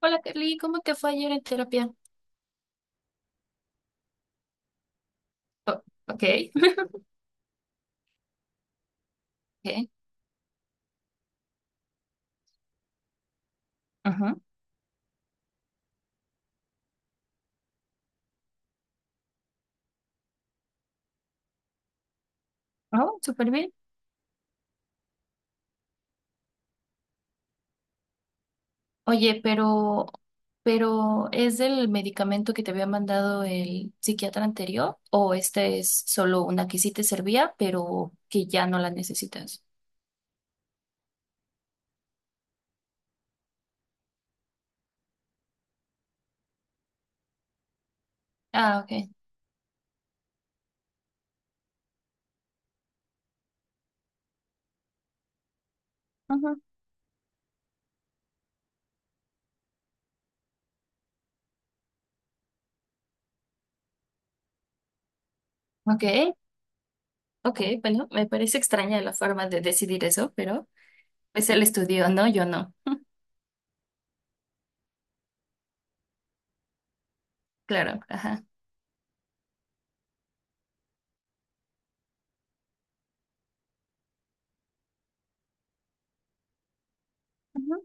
Hola, Carly, ¿cómo te fue ayer en terapia? Oh, ok, ok, ajá. Oh, súper bien. Oye, pero ¿es del medicamento que te había mandado el psiquiatra anterior o esta es solo una que sí te servía, pero que ya no la necesitas? Ah, ok, ajá. Ok, ok, bueno, me parece extraña la forma de decidir eso, pero es el estudio, ¿no? Yo no. Claro, ajá. Ujú,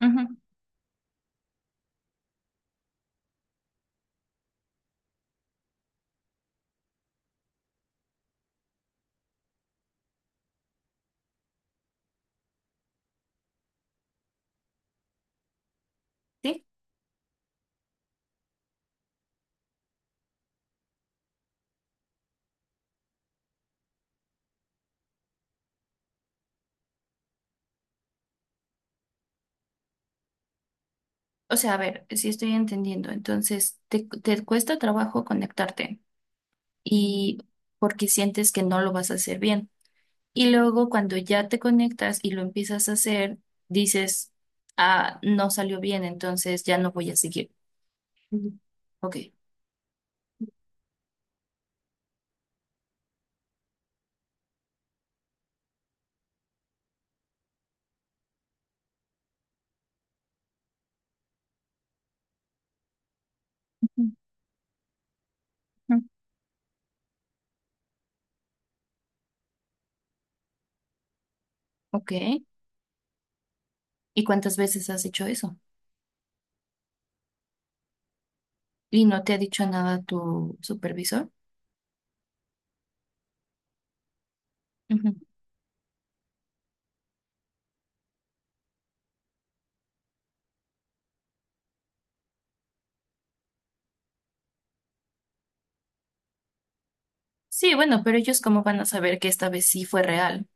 ujú. Sí. O sea, a ver, si estoy entendiendo, entonces te cuesta trabajo conectarte y porque sientes que no lo vas a hacer bien. Y luego cuando ya te conectas y lo empiezas a hacer, dices, ah, no salió bien, entonces ya no voy a seguir. Ujú. Ok, ujú, ok. ¿Y cuántas veces has hecho eso? ¿Y no te ha dicho nada tu supervisor? Ujú. Sí, bueno, pero ellos cómo van a saber que esta vez sí fue real.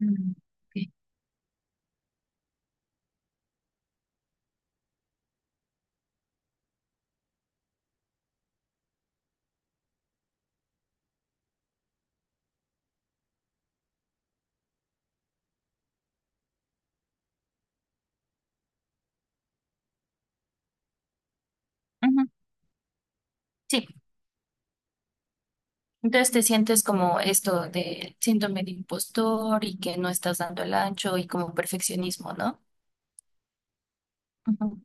Mm, ok. Ujú. Sí, entonces te sientes como esto de síndrome de impostor y que no estás dando el ancho y como perfeccionismo, ¿no? Ujú.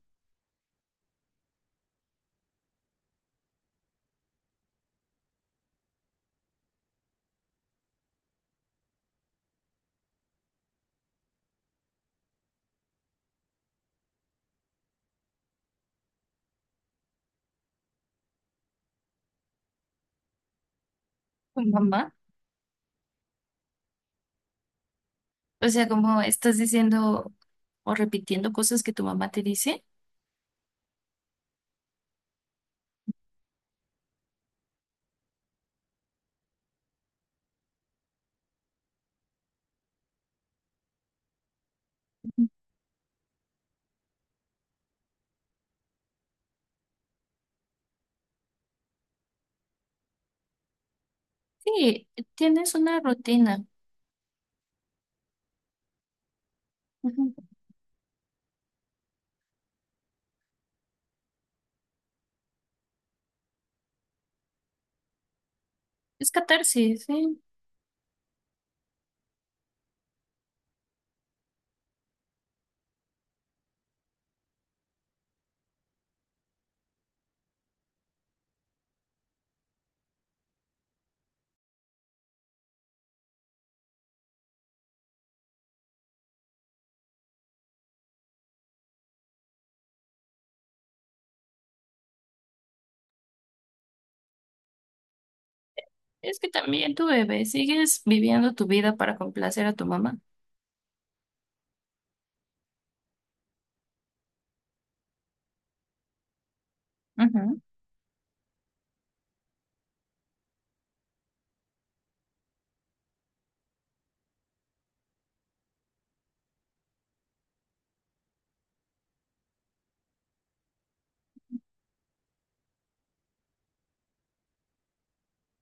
Tu mamá. O sea, como estás diciendo o repitiendo cosas que tu mamá te dice. Ujú. Sí, tienes una rutina. Ujú. Es catarsis, sí. Es que también tu bebé, sigues viviendo tu vida para complacer a tu mamá. Ujú.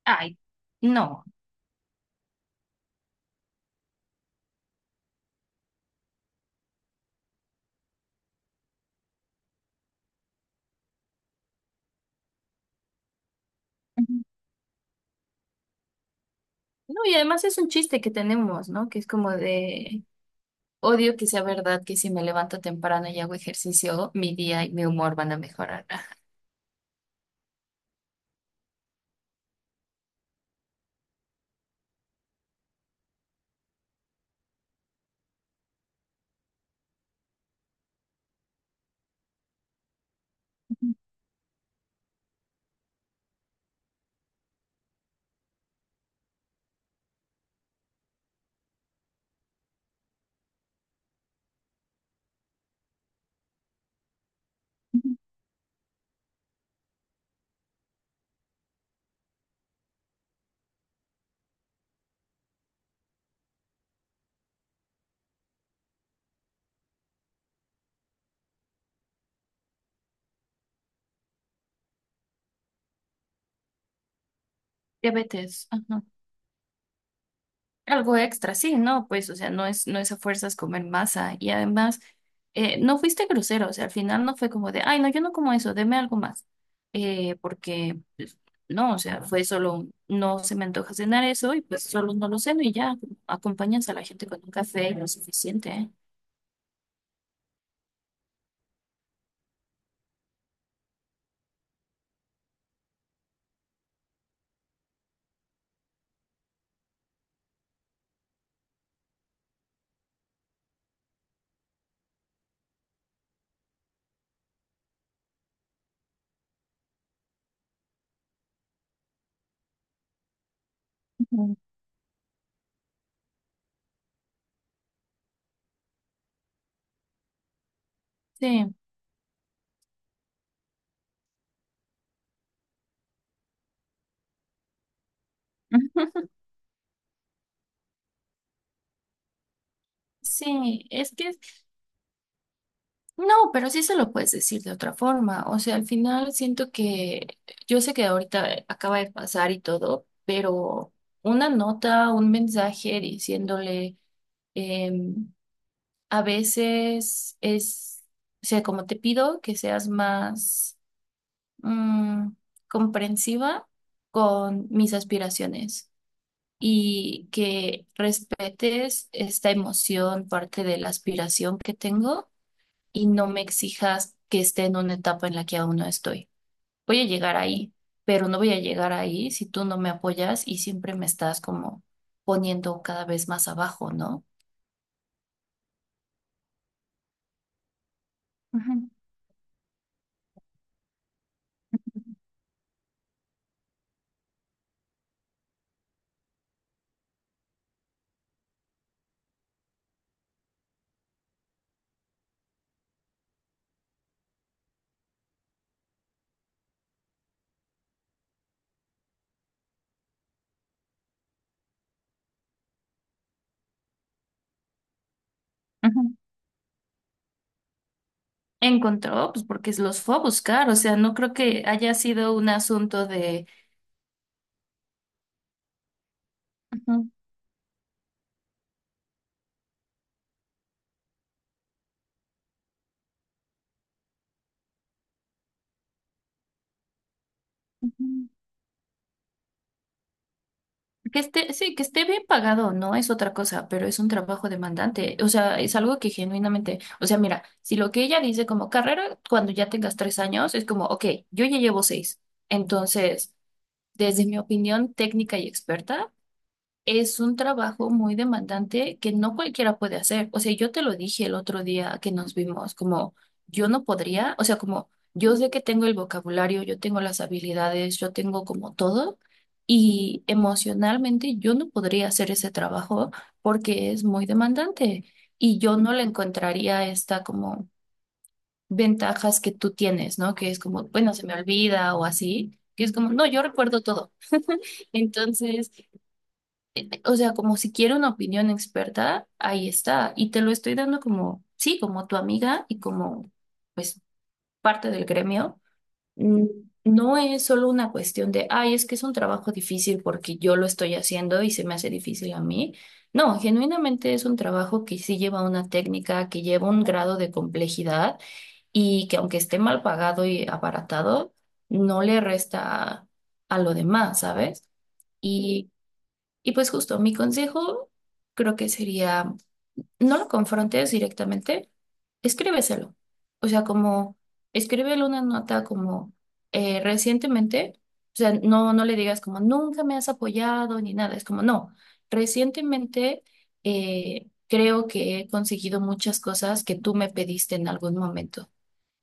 Ay, no. Ujú. No, y además es un chiste que tenemos, ¿no? Que es como de odio que sea verdad que si me levanto temprano y hago ejercicio, mi día y mi humor van a mejorar. Ah, diabetes, ajá. Algo extra, sí, no, pues, o sea, no es a fuerzas comer masa. Y además, no fuiste grosero, o sea, al final no fue como de, ay, no, yo no como eso, deme algo más. Porque, pues, no, o sea, fue solo, un, no se me antoja cenar eso y pues solo no lo ceno y ya, acompañas a la gente con un café y lo suficiente, ¿eh? Ujú. Sí. Sí, es que no, pero sí se lo puedes decir de otra forma. O sea, al final siento que yo sé que ahorita acaba de pasar y todo, pero una nota, un mensaje diciéndole, em, a veces es, o sea, como te pido que seas más mm, comprensiva con mis aspiraciones y que respetes esta emoción, parte de la aspiración que tengo y no me exijas que esté en una etapa en la que aún no estoy. Voy a llegar ahí, pero no voy a llegar ahí si tú no me apoyas y siempre me estás como poniendo cada vez más abajo, ¿no? Ujú, ujú. Encontró, pues porque los fue a buscar, o sea, no creo que haya sido un asunto de... Ujú, ujú. Que esté, sí, que esté bien pagado, no es otra cosa, pero es un trabajo demandante. O sea, es algo que genuinamente, o sea, mira, si lo que ella dice como carrera, cuando ya tengas 3 años, es como, ok, yo ya llevo 6. Entonces, desde mi opinión técnica y experta, es un trabajo muy demandante que no cualquiera puede hacer. O sea, yo te lo dije el otro día que nos vimos, como yo no podría, o sea, como yo sé que tengo el vocabulario, yo tengo las habilidades, yo tengo como todo, y emocionalmente yo no podría hacer ese trabajo porque es muy demandante y yo no le encontraría esta como ventajas que tú tienes, ¿no? Que es como, bueno, se me olvida o así, que es como, no, yo recuerdo todo. Entonces... o sea, como si quiero una opinión experta, ahí está. Y te lo estoy dando como, sí, como tu amiga y como, pues, parte del gremio. Mm, No es solo una cuestión de, ay, es que es un trabajo difícil porque yo lo estoy haciendo y se me hace difícil a mí. No, genuinamente es un trabajo que sí lleva una técnica, que lleva un grado de complejidad y que aunque esté mal pagado y abaratado, no le resta a lo demás, ¿sabes? Y y pues justo, mi consejo creo que sería, no lo confrontes directamente, escríbeselo. O sea, como, escríbele una nota como recientemente, o sea, no, no le digas como, nunca me has apoyado ni nada, es como, no, recientemente creo que he conseguido muchas cosas que tú me pediste en algún momento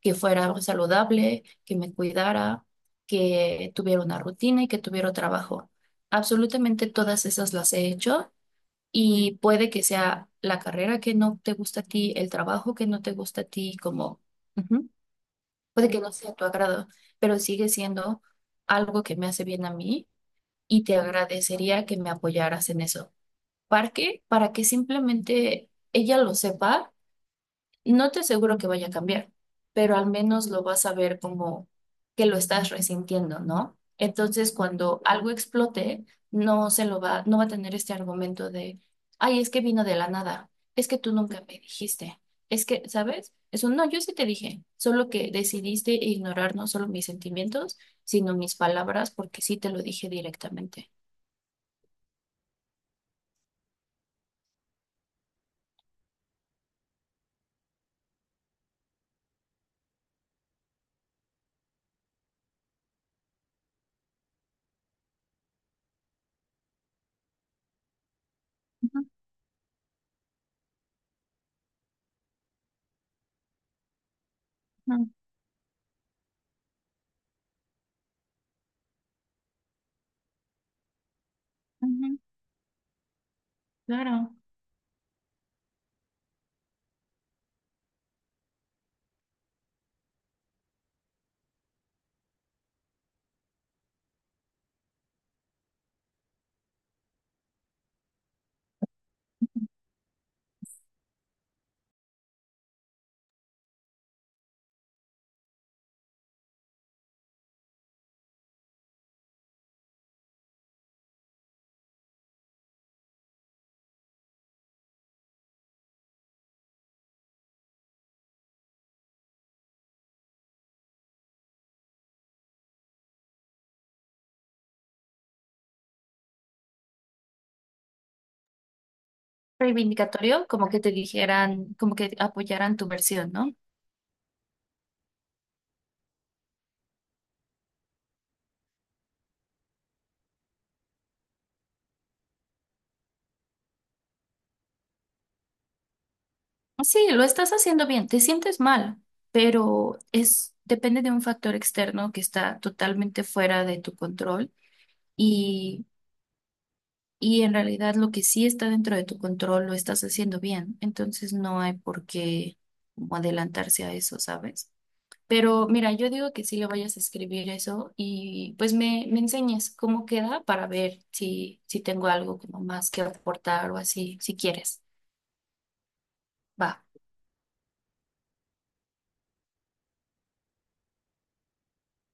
que fuera saludable, que me cuidara, que tuviera una rutina y que tuviera trabajo. Absolutamente todas esas las he hecho y puede que sea la carrera que no te gusta a ti, el trabajo que no te gusta a ti, como ujú, puede que no sea a tu agrado, pero sigue siendo algo que me hace bien a mí y te agradecería que me apoyaras en eso. ¿Para qué? Para que simplemente ella lo sepa y no te aseguro que vaya a cambiar, pero al menos lo vas a ver como que lo estás resintiendo, ¿no? Entonces, cuando algo explote, no se lo va, no va a tener este argumento de, ay, es que vino de la nada, es que tú nunca me dijiste, es que, ¿sabes? Eso no, yo sí te dije, solo que decidiste ignorar no solo mis sentimientos, sino mis palabras, porque sí te lo dije directamente. Ujú, ujú, claro. Reivindicatorio, como que te dijeran, como que apoyaran tu versión, ¿no? Sí, lo estás haciendo bien, te sientes mal, pero es depende de un factor externo que está totalmente fuera de tu control y, y en realidad lo que sí está dentro de tu control lo estás haciendo bien, entonces no hay por qué como adelantarse a eso, ¿sabes? Pero mira, yo digo que sí le vayas a escribir eso y pues me enseñes cómo queda para ver si, si tengo algo como más que aportar o así, si quieres. Va.